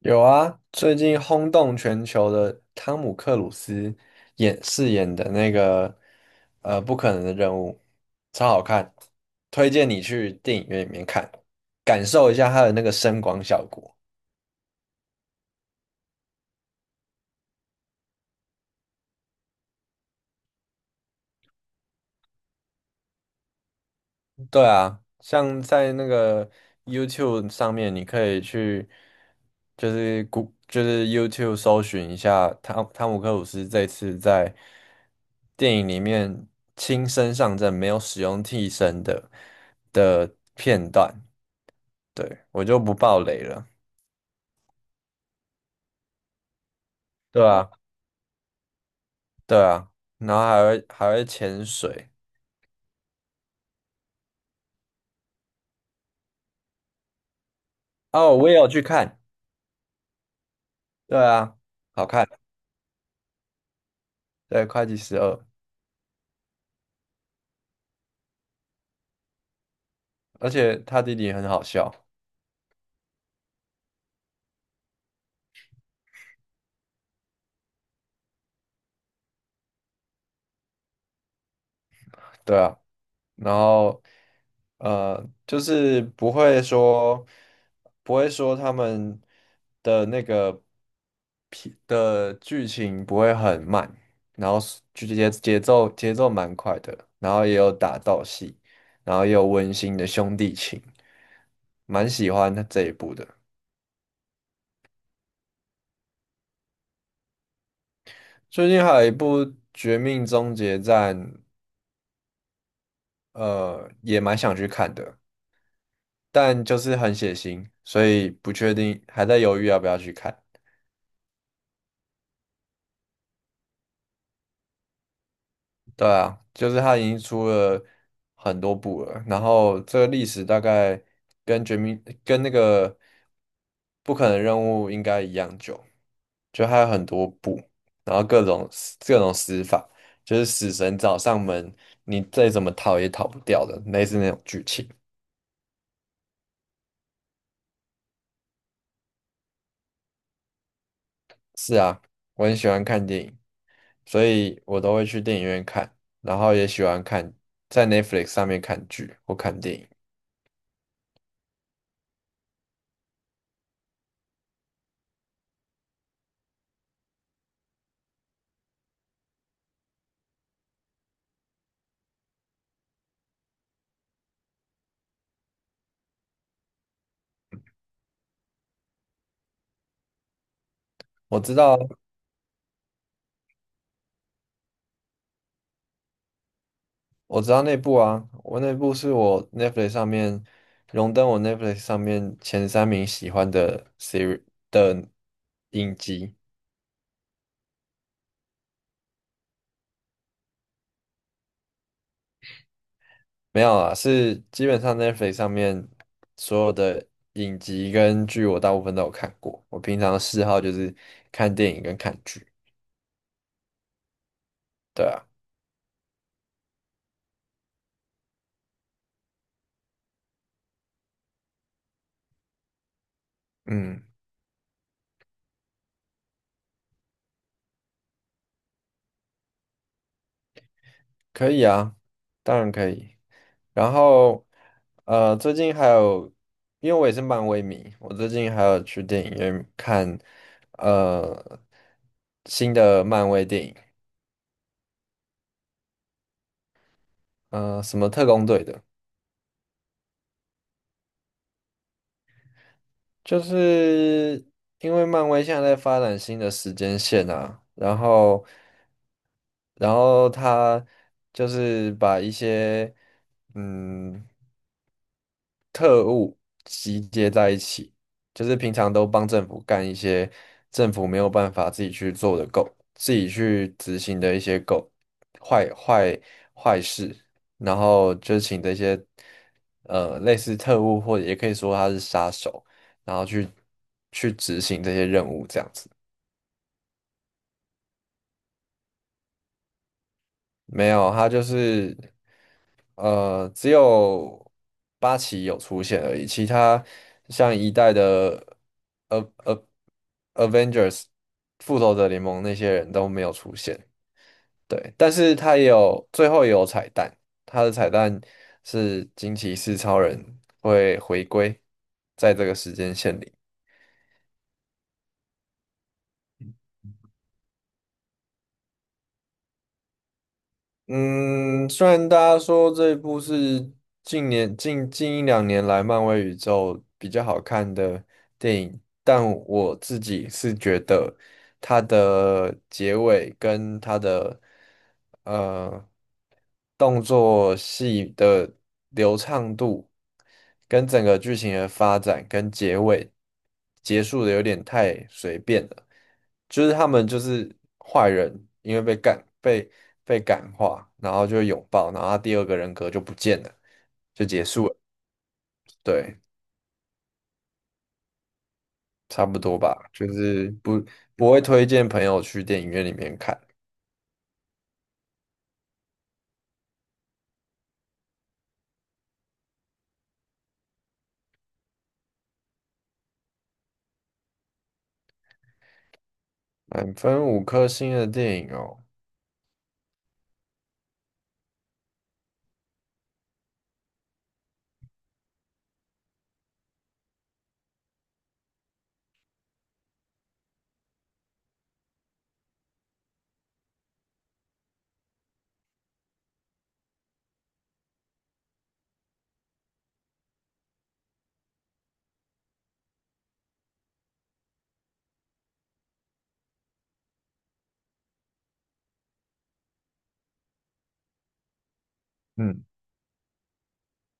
有啊，最近轰动全球的汤姆克鲁斯饰演的那个不可能的任务，超好看，推荐你去电影院里面看，感受一下它的那个声光效果。对啊，像在那个 YouTube 上面，你可以去就是谷就是 YouTube 搜寻一下汤姆克鲁斯这次在电影里面亲身上阵，没有使用替身的片段。对，我就不爆雷了。对啊，对啊，然后还会潜水。哦，我也有去看。对啊，好看。对，会计十二，而且他弟弟很好笑。对啊。然后就是不会说他们的那个片的剧情不会很慢，然后是就节奏蛮快的，然后也有打斗戏，然后也有温馨的兄弟情，蛮喜欢他这一部的。最近还有一部《绝命终结战》，也蛮想去看的，但就是很血腥，所以不确定，还在犹豫要不要去看。对啊，就是它已经出了很多部了，然后这个历史大概跟绝命跟那个不可能任务应该一样久，就还有很多部，然后各种死法，就是死神找上门，你再怎么逃也逃不掉的，类似那种剧情。是啊，我很喜欢看电影，所以我都会去电影院看，然后也喜欢看在 Netflix 上面看剧或看电影。我知道。我知道那部啊，我那部是我 Netflix 上面荣登我 Netflix 上面前三名喜欢的 series 的影集，没有啊，是基本上 Netflix 上面所有的影集跟剧我大部分都有看过。我平常的嗜好就是看电影跟看剧，对啊，嗯，可以啊，当然可以。然后，最近还有，因为我也是漫威迷，我最近还有去电影院看，呃，新的漫威电影，什么特工队的，就是因为漫威现在在发展新的时间线啊，然后，他就是把一些，嗯。特务集结在一起，就是平常都帮政府干一些政府没有办法自己去做的狗，自己去执行的一些狗坏坏坏事，然后就请这些类似特务或者也可以说他是杀手，然后去执行这些任务这样子。没有，他就是。只有八旗有出现而已，其他像一代的呃呃 Avengers 复仇者联盟那些人都没有出现，对，但是他最后也有彩蛋，他的彩蛋是惊奇四超人会回归在这个时间线里。嗯，虽然大家说这一部是近年近近一两年来漫威宇宙比较好看的电影，但我自己是觉得它的结尾跟它的呃动作戏的流畅度，跟整个剧情的发展跟结束的有点太随便了，就是他们就是坏人，因为被感化，然后就拥抱，然后他第二个人格就不见了，就结束了，对，差不多吧，就是不会推荐朋友去电影院里面看，满分五颗星的电影哦。嗯。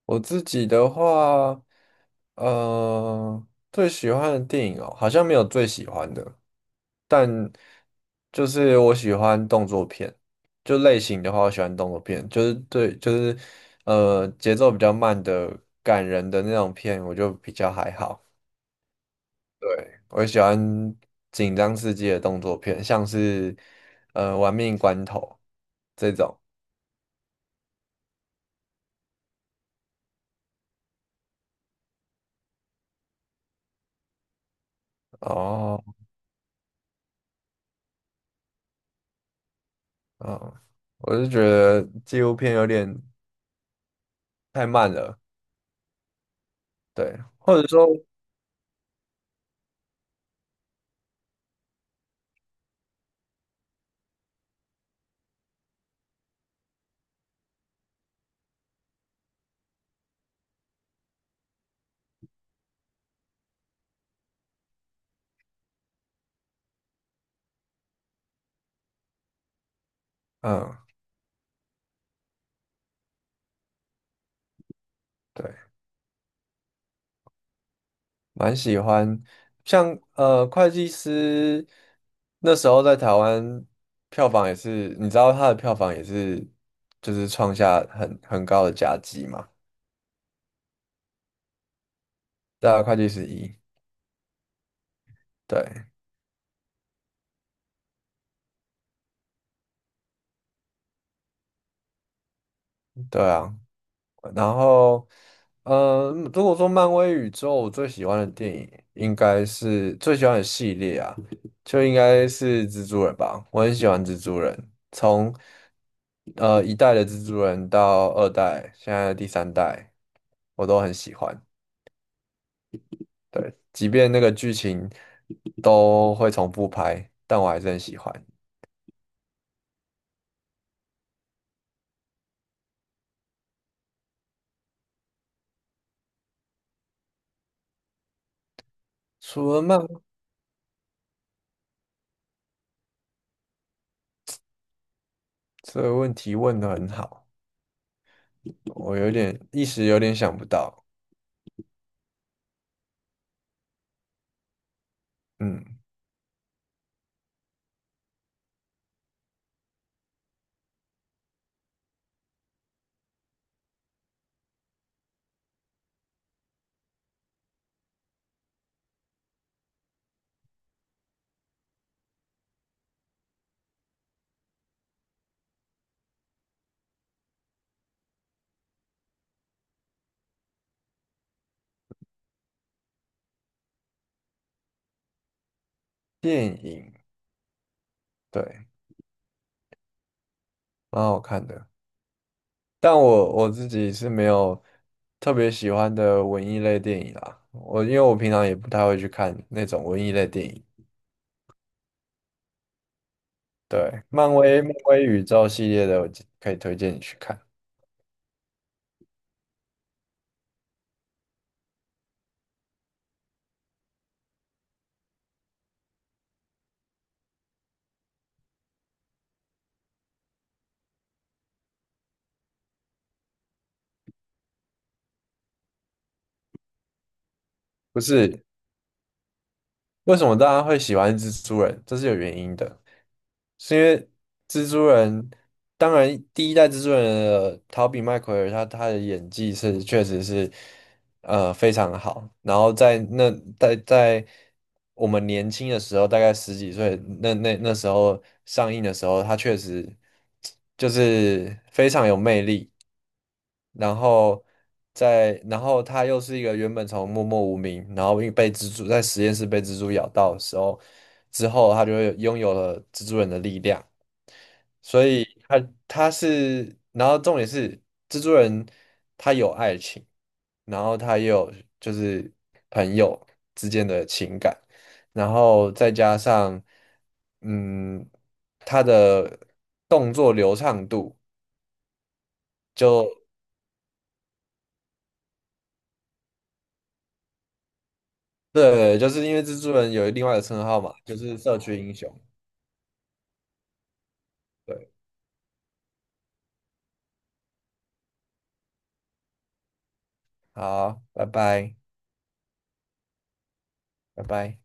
我自己的话，最喜欢的电影哦，好像没有最喜欢的，但就是我喜欢动作片，就类型的话，我喜欢动作片，就是对，就是节奏比较慢的、感人的那种片，我就比较还好。对，我喜欢紧张刺激的动作片，像是《玩命关头》这种。哦，嗯，我是觉得纪录片有点太慢了。对，或者说，嗯，对，蛮喜欢，像会计师那时候在台湾票房也是，你知道他的票房也是，就是创下很高的佳绩嘛，对啊，会计师一，对，对啊。然后，如果说漫威宇宙，我最喜欢的电影应该是最喜欢的系列啊，就应该是蜘蛛人吧。我很喜欢蜘蛛人，从一代的蜘蛛人到二代，现在第三代，我都很喜欢。对，即便那个剧情都会重复拍，但我还是很喜欢。除了漫，这个问题问得很好，我有点一时有点想不到。嗯，电影，对。蛮好看的。但我自己是没有特别喜欢的文艺类电影啦。我因为我平常也不太会去看那种文艺类电影。对，漫威宇宙系列的，我可以推荐你去看。不是，为什么大家会喜欢蜘蛛人？这是有原因的，是因为蜘蛛人，当然第一代蜘蛛人的陶比麦奎尔他的演技是确实是。非常好。然后在那在在我们年轻的时候，大概十几岁，那时候上映的时候，他确实就是非常有魅力。然后他又是一个原本从默默无名，然后因为被蜘蛛在实验室被蜘蛛咬到的时候，之后他就会拥有了蜘蛛人的力量。所以他是，然后重点是蜘蛛人他有爱情，然后他也有就是朋友之间的情感，然后再加上嗯他的动作流畅度就对，就是因为蜘蛛人有另外的称号嘛，就是社区英雄。好，拜拜，拜拜。